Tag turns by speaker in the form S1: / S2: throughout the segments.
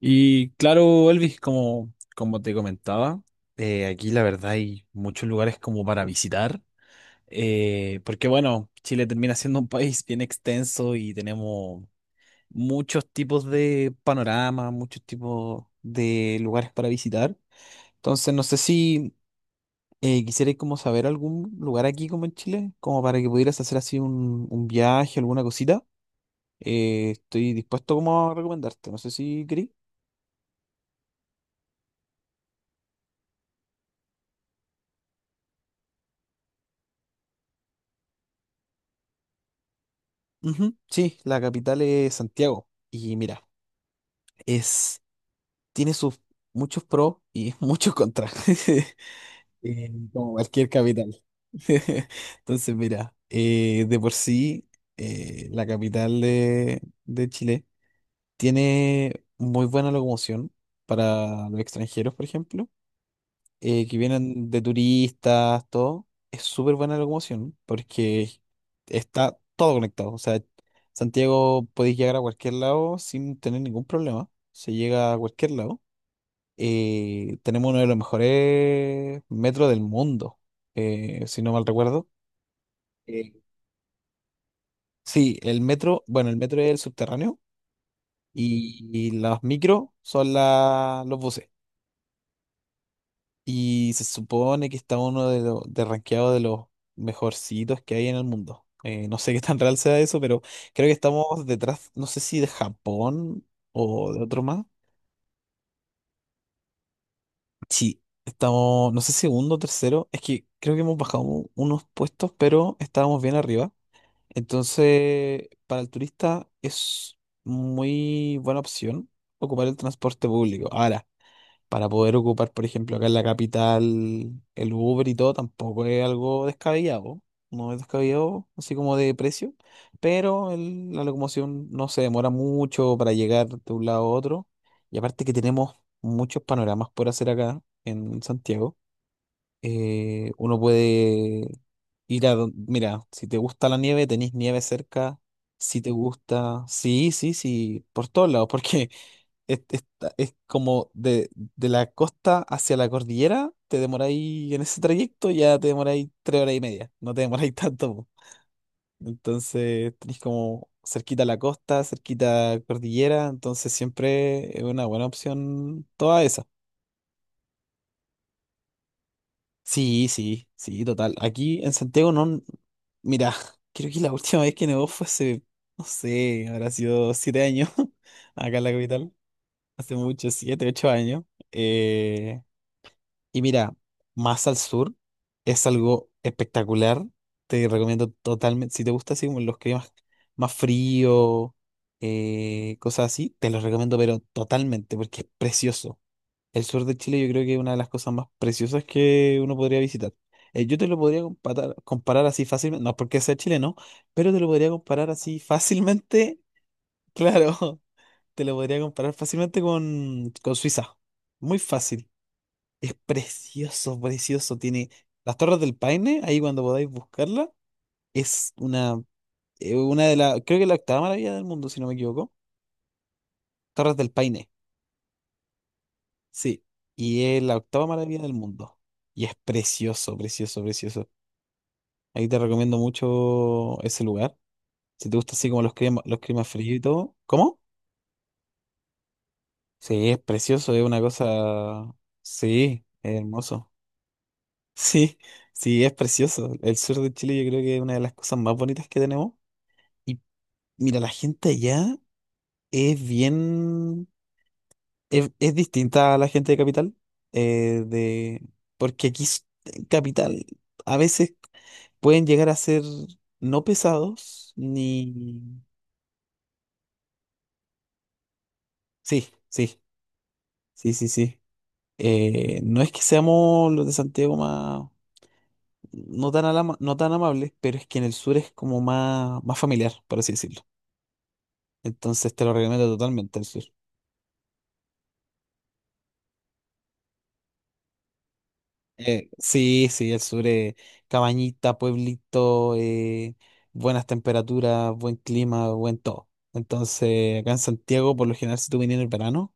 S1: Y claro, Elvis, como te comentaba, aquí la verdad hay muchos lugares como para visitar, porque bueno, Chile termina siendo un país bien extenso y tenemos muchos tipos de panoramas, muchos tipos de lugares para visitar. Entonces, no sé si quisierais como saber algún lugar aquí como en Chile, como para que pudieras hacer así un viaje, alguna cosita. Estoy dispuesto como a recomendarte, no sé si queréis. Ujú, sí, la capital es Santiago. Y mira, es, tiene sus muchos pros y muchos contras, como cualquier capital. Entonces, mira, de por sí, la capital de Chile tiene muy buena locomoción para los extranjeros, por ejemplo, que vienen de turistas, todo, es súper buena la locomoción porque está todo conectado. O sea, Santiago podéis llegar a cualquier lado sin tener ningún problema. Se llega a cualquier lado. Tenemos uno de los mejores metros del mundo, si no mal recuerdo. Eh, sí, el metro, bueno, el metro es el subterráneo y las micro son los buses. Y se supone que está uno de los de rankeado de los mejorcitos que hay en el mundo. No sé qué tan real sea eso, pero creo que estamos detrás, no sé si de Japón o de otro más. Sí, estamos, no sé, si segundo, tercero. Es que creo que hemos bajado unos puestos, pero estábamos bien arriba. Entonces, para el turista es muy buena opción ocupar el transporte público. Ahora, para poder ocupar, por ejemplo, acá en la capital, el Uber y todo, tampoco es algo descabellado. No es descabellado, así como de precio, pero la locomoción no se demora mucho para llegar de un lado a otro. Y aparte que tenemos muchos panoramas por hacer acá en Santiago. Uno puede ir a don- Mira, si te gusta la nieve, tenés nieve cerca. Si te gusta. Sí, sí, sí, por todos lados, porque es como de, la costa hacia la cordillera, te demoráis en ese trayecto, ya te demoráis 3 horas y media, no te demoráis tanto, po. Entonces tenéis como cerquita la costa, cerquita cordillera, entonces siempre es una buena opción toda esa. Sí, sí, sí, total. Aquí en Santiago no, mira, creo que la última vez que nevó fue hace, no sé, habrá sido 7 años acá en la capital, hace mucho, 7, 8 años. Eh, Y mira, más al sur es algo espectacular. Te recomiendo totalmente, si te gusta así como los climas más frío, cosas así, te los recomiendo, pero totalmente, porque es precioso. El sur de Chile yo creo que es una de las cosas más preciosas que uno podría visitar. Yo te lo podría comparar así fácilmente, no es porque sea chileno, pero te lo podría comparar así fácilmente, claro, te lo podría comparar fácilmente con Suiza. Muy fácil. Es precioso, precioso. Tiene las Torres del Paine, ahí cuando podáis buscarla. Es una de las, creo que la octava maravilla del mundo, si no me equivoco. Torres del Paine, sí. Y es la octava maravilla del mundo. Y es precioso, precioso, precioso. Ahí te recomiendo mucho ese lugar. Si te gusta así como los climas fríos y todo. ¿Cómo? Sí, es precioso, es una cosa. Sí, es hermoso. Sí, sí, es precioso. El sur de Chile yo creo que es una de las cosas más bonitas que tenemos. Mira, la gente allá es bien, es distinta a la gente de capital, eh, de, porque aquí en capital a veces pueden llegar a ser no pesados, ni... Sí, sí, sí, sí, sí. No es que seamos los de Santiago más, no tan amables, pero es que en el sur es como más familiar, por así decirlo. Entonces te lo recomiendo totalmente el sur. Sí, sí, el sur es cabañita, pueblito, buenas temperaturas, buen clima, buen todo. Entonces, acá en Santiago, por lo general, si tú vienes en el verano,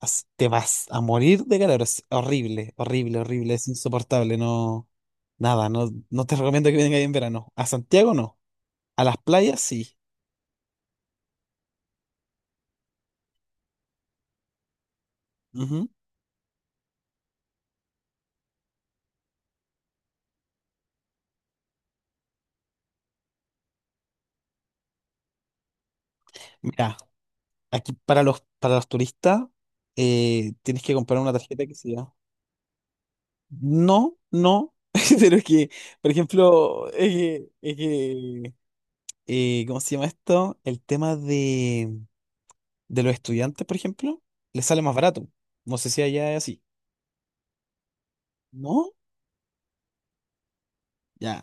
S1: te vas a morir de calor. Es horrible, horrible, horrible, es insoportable. No, nada, no, no te recomiendo que vengas ahí en verano. A Santiago no, a las playas sí. Ujú. Mira, aquí para los turistas, tienes que comprar una tarjeta que se llama. No, no, pero es que, por ejemplo, ¿cómo se llama esto? El tema de los estudiantes, por ejemplo, les sale más barato. No sé si allá es así. ¿No? Ya.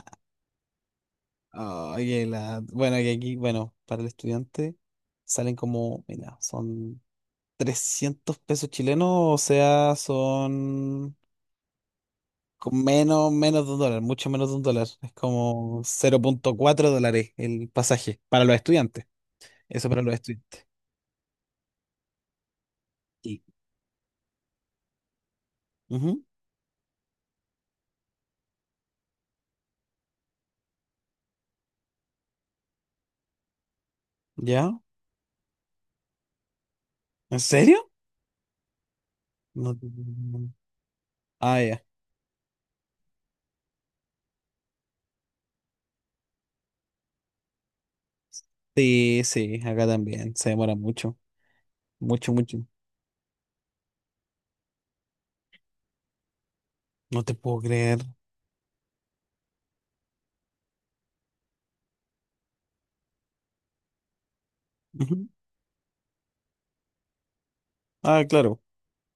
S1: Ay, bueno, que aquí, bueno, para el estudiante salen como, mira, son 300 pesos chilenos, o sea, son con menos, menos de un dólar, mucho menos de un dólar. Es como 0,4 dólares el pasaje para los estudiantes. Eso para los estudiantes. Sí. Ujú, ¿ya? ¿En serio? No, Ah, ya. Sí, sí, acá también. Se demora mucho. Mucho, mucho. No te puedo creer. Ujú. Ah, claro,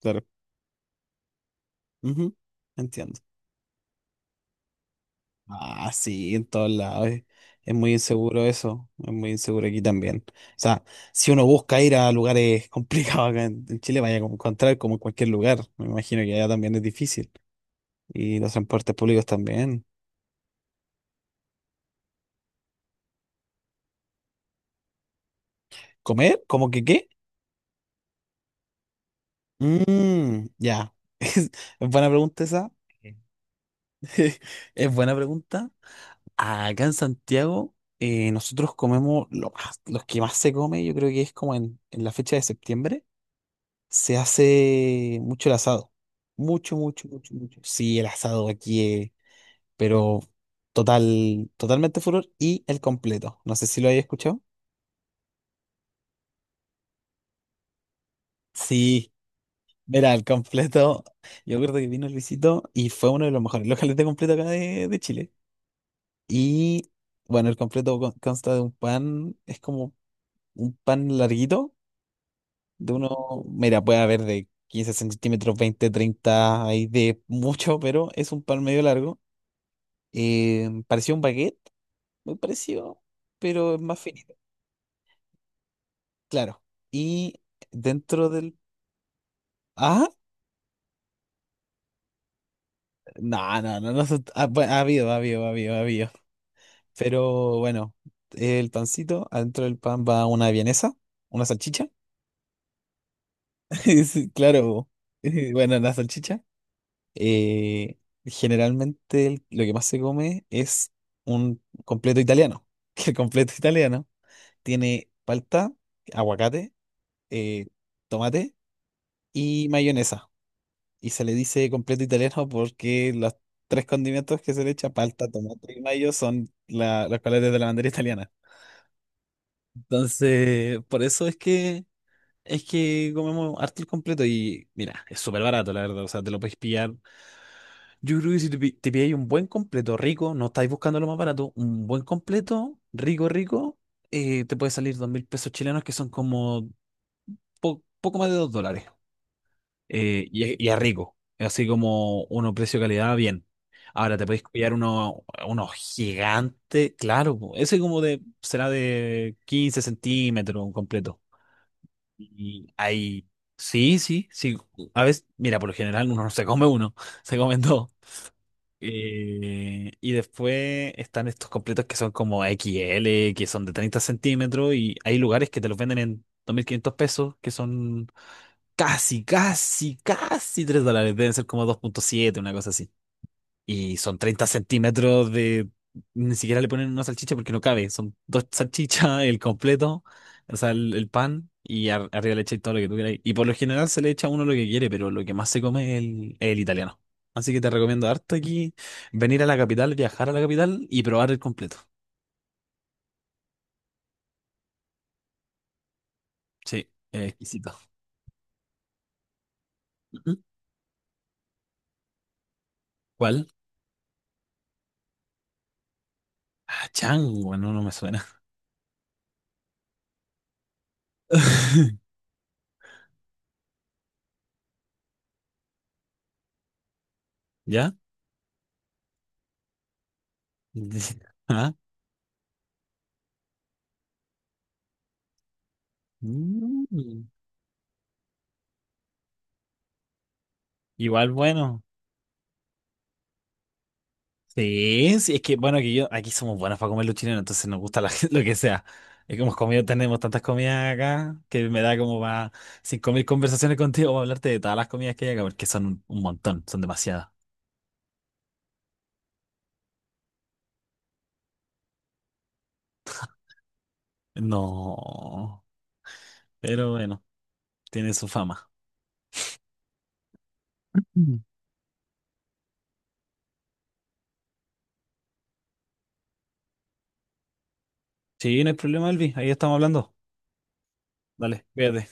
S1: claro. Ujú, entiendo. Ah, sí, en todos lados. Es muy inseguro eso. Es muy inseguro aquí también. O sea, si uno busca ir a lugares complicados acá en Chile, vaya a encontrar como en cualquier lugar. Me imagino que allá también es difícil. Y los transportes públicos también. ¿Comer? ¿Cómo que qué? Mm, ya. Es buena pregunta esa. Ok. Es buena pregunta. Acá en Santiago, nosotros comemos lo más, los que más se come, yo creo que es como en la fecha de septiembre, se hace mucho el asado. Mucho, mucho, mucho, mucho. Sí, el asado aquí es, pero total, totalmente furor. Y el completo. No sé si lo hayas escuchado. Sí, mira, el completo. Yo recuerdo que vino Luisito y fue uno de los mejores los de completo acá de Chile. Y bueno, el completo consta de un pan, es como un pan larguito, de uno, mira, puede haber de 15 centímetros, 20, 30 hay de mucho, pero es un pan medio largo. Pareció un baguette, muy parecido, pero es más finito, claro. Y dentro del. Ah, no, no, no, no, ah, bueno, ha habido. Pero bueno, el pancito, adentro del pan va una vienesa, una salchicha. Sí, claro. Bueno, la salchicha. eh, Generalmente lo que más se come es un completo italiano. Que el completo italiano tiene palta, aguacate, eh, tomate y mayonesa. Y se le dice completo italiano porque los tres condimentos que se le echa, palta, tomate y mayo, son los colores de la bandera italiana. Entonces, por eso es que comemos harto el completo y mira, es súper barato, la verdad. O sea, te lo puedes pillar. Yo creo que si te pilláis un buen completo rico, no estáis buscando lo más barato, un buen completo rico, rico, te puede salir 2000 pesos chilenos que son como poco más de 2 dólares. Y es rico, es así como uno precio-calidad bien. Ahora te podéis pillar uno gigante, claro, po, ese como de, será de 15 centímetros un completo. Y ahí, sí, sí, sí, a veces, mira, por lo general uno no se come uno, se comen dos. Y después están estos completos que son como XL que son de 30 centímetros, y hay lugares que te los venden en 2500 pesos, que son casi, casi, casi 3 dólares, deben ser como 2,7, una cosa así. Y son 30 centímetros de. Ni siquiera le ponen una salchicha porque no cabe. Son dos salchichas, el completo, o sea, el pan y arriba le echáis todo lo que tú queráis. Y por lo general se le echa a uno lo que quiere, pero lo que más se come es el italiano. Así que te recomiendo harto aquí venir a la capital, viajar a la capital y probar el completo. Sí, es exquisito. Ujú. ¿Cuál? Ah, chango, no, no me suena. ¿Ya? ¿Ah? Mm. Igual bueno. Sí, sí, es que bueno, que yo, aquí somos buenos para comer los chilenos, entonces nos gusta lo que sea. Es que hemos comido, tenemos tantas comidas acá que me da como para 5000 conversaciones contigo para hablarte de todas las comidas que hay acá, porque son un montón, son demasiadas. No, pero bueno, tiene su fama. Mm. Sí, no hay problema, Elvi, ahí estamos hablando. Dale, cuídate.